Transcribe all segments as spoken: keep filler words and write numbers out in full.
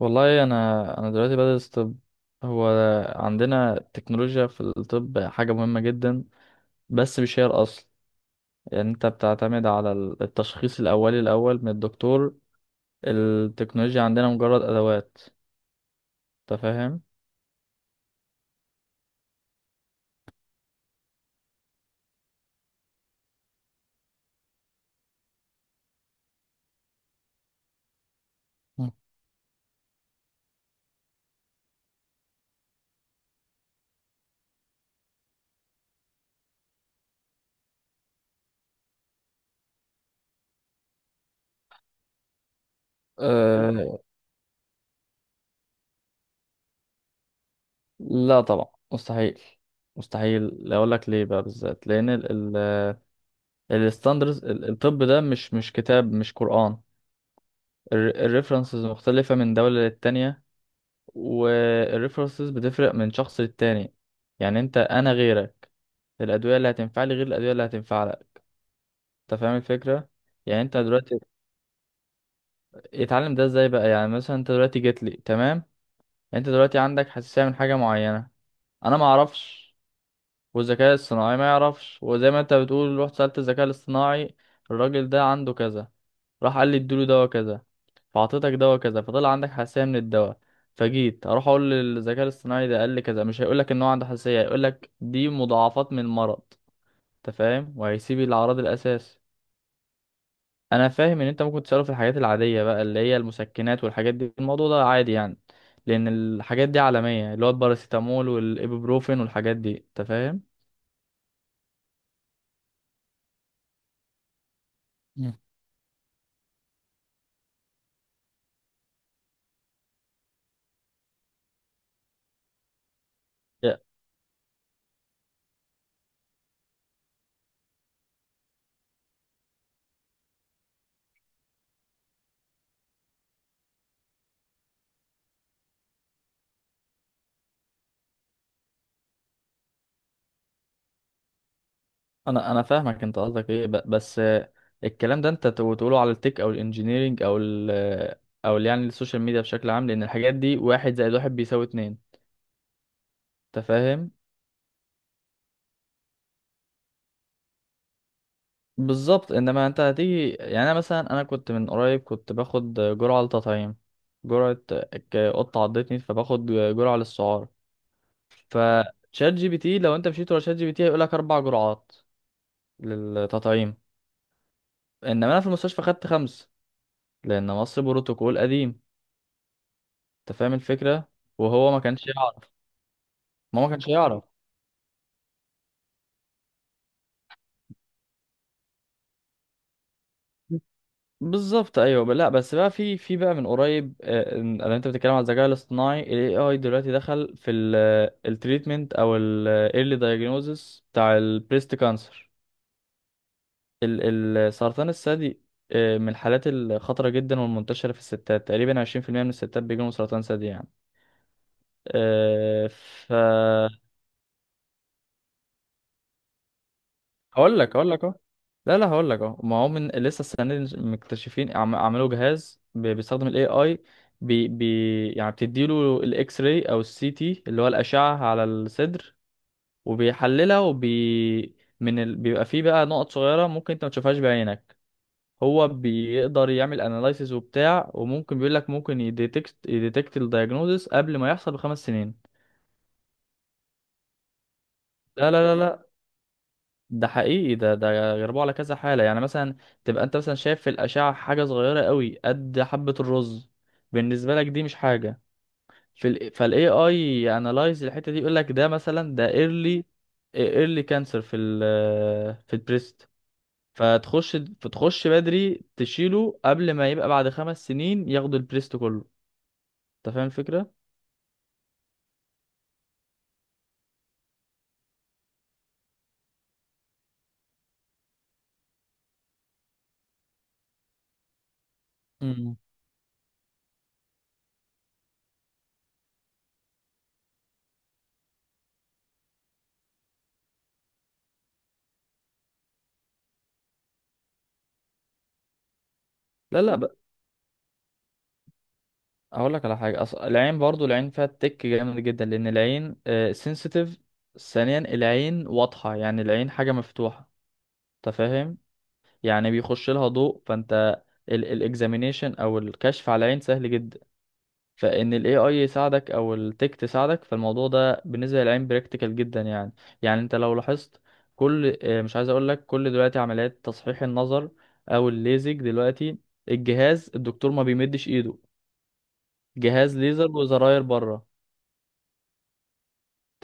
والله انا انا دلوقتي بدرس طب. هو عندنا التكنولوجيا في الطب حاجه مهمه جدا، بس مش هي الاصل. يعني انت بتعتمد على ال- التشخيص الاولي الاول من الدكتور. التكنولوجيا عندنا مجرد ادوات. انت فاهم؟ مم. أه، لا طبعا، مستحيل. مستحيل اقول لك ليه بقى بالذات لان ال ال الستاندرز الطب ده مش مش كتاب، مش قرآن. الريفرنسز مختلفه من دوله للتانية، والريفرنسز بتفرق من شخص للتاني. يعني انت انا غيرك، الادويه اللي هتنفع لي غير الادويه اللي هتنفع لك. انت فاهم الفكره؟ يعني انت دلوقتي اتعلم ده ازاي بقى؟ يعني مثلا انت دلوقتي جيت لي، تمام، انت دلوقتي عندك حساسيه من حاجه معينه، انا ما اعرفش والذكاء الصناعي ما يعرفش. وزي ما انت بتقول رحت سألت الذكاء الاصطناعي، الراجل ده عنده كذا، راح قال لي اديله دواء كذا، فعطيتك دواء كذا، فطلع عندك حساسية من الدواء. فجيت اروح اقول للذكاء الاصطناعي، ده قال لي كذا، مش هيقول لك ان هو عنده حساسية، هيقول لك دي مضاعفات من المرض. انت فاهم؟ وهيسيب العرض الاساسي. انا فاهم ان انت ممكن تسأله في الحاجات العادية بقى، اللي هي المسكنات والحاجات دي، الموضوع ده عادي يعني. لان الحاجات دي عالمية، اللي هو الباراسيتامول والابوبروفين والحاجات دي، انت فاهم. مم. انا انا فاهمك انت قصدك ايه؟ ب- بس آه، الكلام ده انت تو- تقوله على التك او الانجينيرينج او ال، او ال- يعني السوشيال ميديا بشكل عام، لان الحاجات دي واحد زائد واحد بيساوي اتنين. انت فاهم؟ بالظبط. انما انت هتيجي، يعني انا مثلا انا كنت من قريب كنت باخد جرعه للتطعيم، جرعه، ك- قطه عضتني فباخد جرعه للسعار. فشات جي بي تي، لو انت مشيت ورا شات جي بي تي هيقول لك اربع جرعات للتطعيم، انما انا في المستشفى خدت خمس، لان مصر بروتوكول قديم. انت فاهم الفكرة؟ وهو ما كانش يعرف. ما هو ما كانش يعرف. بالظبط، ايوه. ب- لا بس بقى، في في بقى من قريب، آه، ان إن انت بتتكلم على الذكاء الاصطناعي، ال إيه آي دلوقتي دخل في التريتمنت او ال early diagnosis بتاع البريست كانسر، السرطان الثدي. آه، من الحالات الخطرة جدا والمنتشرة في الستات، تقريبا عشرين في المية من الستات بيجيلهم سرطان ثدي يعني. آه، ف هقول لك هقول لك اهو. لا لا، هقول لك اهو. ما هو من لسه السنه دي مكتشفين، عم- عملوا جهاز بي- بيستخدم الاي اي، بي بي يعني، بتديله الاكس راي او السي تي اللي هو الاشعه على الصدر، وبيحللها، وبي من ال... بيبقى فيه بقى نقط صغيره ممكن انت ما تشوفهاش بعينك، هو بيقدر يعمل اناليسيز وبتاع، وممكن بيقول لك ممكن يديتكت يديتكت الدايجنوزس قبل ما يحصل بخمس سنين. لا لا لا، ده حقيقي. ده ده جربوه على كذا حالة. يعني مثلا تبقى انت مثلا شايف في الأشعة حاجة صغيرة قوي قد حبة الرز، بالنسبة لك دي مش حاجة، في ال فال إيه آي analyze الحتة دي يقول لك ده مثلا ده early، early cancer في ال، في البريست. فتخش فتخش بدري تشيله قبل ما يبقى بعد خمس سنين ياخدوا البريست كله. انت فاهم الفكرة؟ مم. لا لا اقول لك على حاجه، أص... العين برضو، العين فيها تك جامد جدا، لان العين سنسيتيف. ثانيا العين واضحه، يعني العين حاجه مفتوحه، انت فاهم، يعني بيخش لها ضوء. فانت الاكزامينيشن او الكشف على العين سهل جدا، فان الاي اي يساعدك او التك تساعدك، فالموضوع ده بالنسبه للعين براكتيكال جدا يعني. يعني انت لو لاحظت كل، آه، مش عايز اقول لك كل، دلوقتي عمليات تصحيح النظر او الليزك دلوقتي، الجهاز، الدكتور ما بيمدش ايده، جهاز ليزر وزراير بره.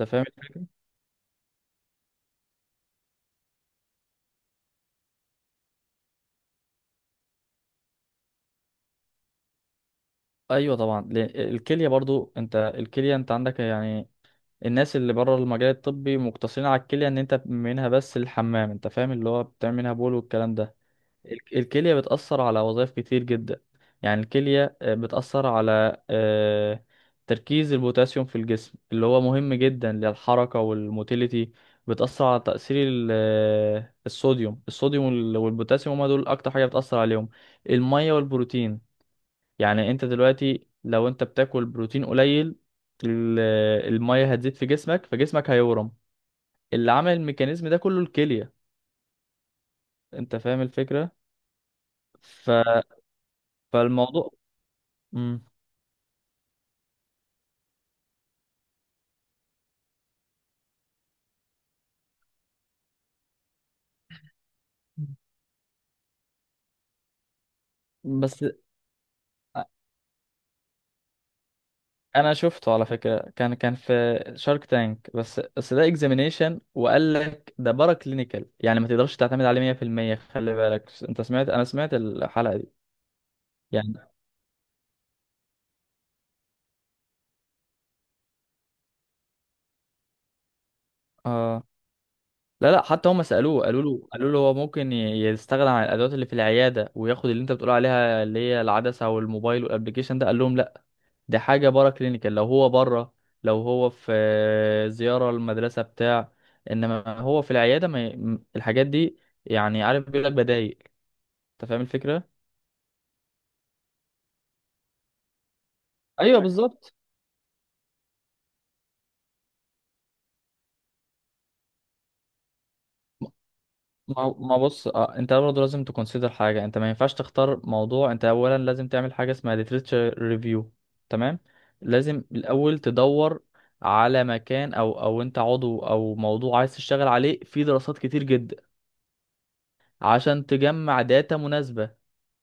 انت فاهم؟ ايوه طبعا، لأن الكليه برضو. انت الكليه انت عندك يعني، الناس اللي بره المجال الطبي مقتصرين على الكليه ان انت منها بس الحمام، انت فاهم، اللي هو بتعمل منها بول والكلام ده. ال- الكليه بتاثر على وظائف كتير جدا. يعني الكليه آه، بتاثر على آه، تركيز البوتاسيوم في الجسم اللي هو مهم جدا للحركه والموتيليتي. بتاثر على تاثير ال- آه، الصوديوم، الصوديوم وال- والبوتاسيوم هما دول اكتر حاجه بتاثر عليهم، الميه والبروتين. يعني انت دلوقتي لو انت بتاكل بروتين قليل، ال- المية هتزيد في جسمك فجسمك هيورم، اللي عمل الميكانيزم ده كله الكلية. انت فاهم الفكرة؟ ف... فالموضوع. مم. بس انا شفته على فكرة، كان كان في شارك تانك. بس بس ده اكزامينيشن، وقال لك ده بارا كلينيكال، يعني ما تقدرش تعتمد عليه مية في المية. خلي بالك انت سمعت، انا سمعت الحلقة دي يعني. اه. لا لا، حتى هم سألوه، قالوا له، قالوا له هو ممكن ي- يستغنى عن الأدوات اللي في العيادة وياخد اللي أنت بتقول عليها، اللي هي العدسة والموبايل والأبليكيشن ده، قال لهم لا، دي حاجة بره كلينيكال. لو هو بره، لو هو في زيارة المدرسة بتاع، إنما هو في العيادة ما ي- م- الحاجات دي. يعني عارف بيقول لك بدايل. أنت فاهم الفكرة؟ أيوه بالظبط. ما ما بص، آه، انت برضه لازم تكونسيدر حاجه، انت ما ينفعش تختار موضوع، انت اولا لازم تعمل حاجه اسمها literature review. تمام. لازم الاول تدور على مكان او، او انت عضو او موضوع عايز تشتغل عليه في دراسات كتير جدا، عشان تجمع داتا مناسبه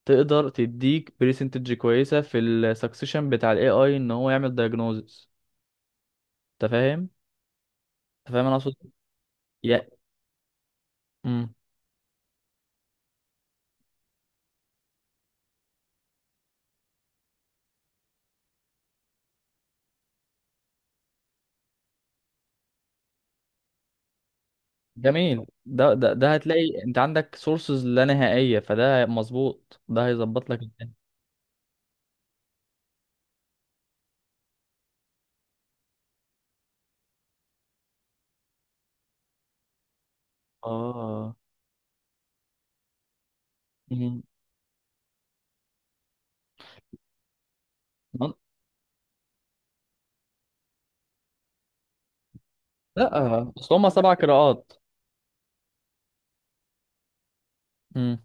تقدر تديك بريسنتج كويسه في السكسيشن بتاع الاي اي ان هو يعمل diagnosis. انت فاهم؟ انت فاهم انا اقصد؟ يا. مم. جميل، ده ده ده هتلاقي انت عندك سورسز لا نهائية، فده مظبوط، ده هيظبط لك الدنيا. اه. مم. من- لا اصل هما سبع قراءات. مم.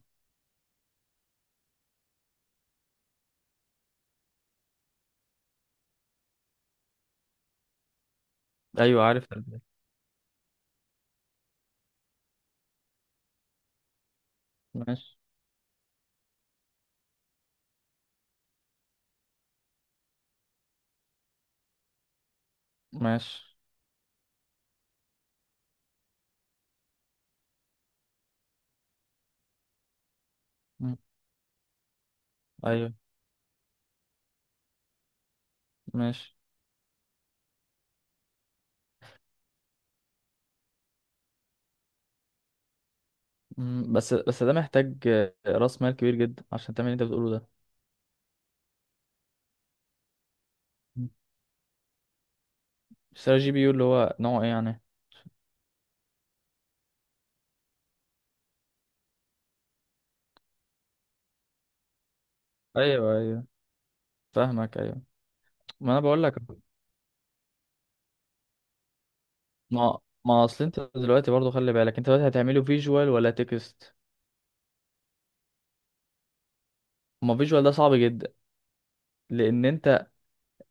ايوه عارف الألباني. ماشي، ماشي. مم. ايوه. ماشي. مم. بس بس ده محتاج، آه، راس مال كبير جدا عشان تعمل اللي انت بتقوله ده. مم. اشتري جي بي يو اللي هو نوعه ايه يعني؟ ايوه ايوه، فاهمك، ايوه. ما انا بقول لك. ما ما اصل انت دلوقتي برضو خلي بالك انت دلوقتي هتعمله فيجوال ولا تكست؟ ما فيجوال ده صعب جدا، لان انت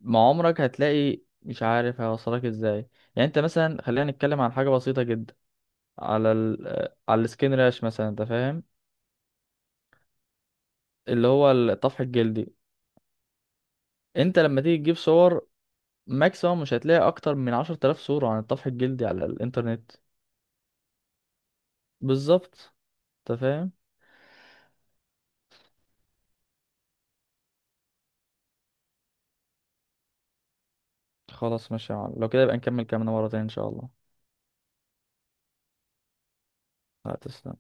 مع عمرك هتلاقي مش عارف هيوصلك ازاي. يعني انت مثلا خلينا نتكلم عن حاجه بسيطه جدا، على ال... آه، على السكين راش مثلا، انت فاهم، اللي هو الطفح الجلدي. انت لما تيجي تجيب صور، ماكسيموم مش هتلاقي اكتر من عشرة آلاف صوره عن الطفح الجلدي على الانترنت. بالظبط. انت فاهم. خلاص ماشي يا معلم، لو كده يبقى نكمل كلامنا مره تانية ان شاء الله. هتسلم.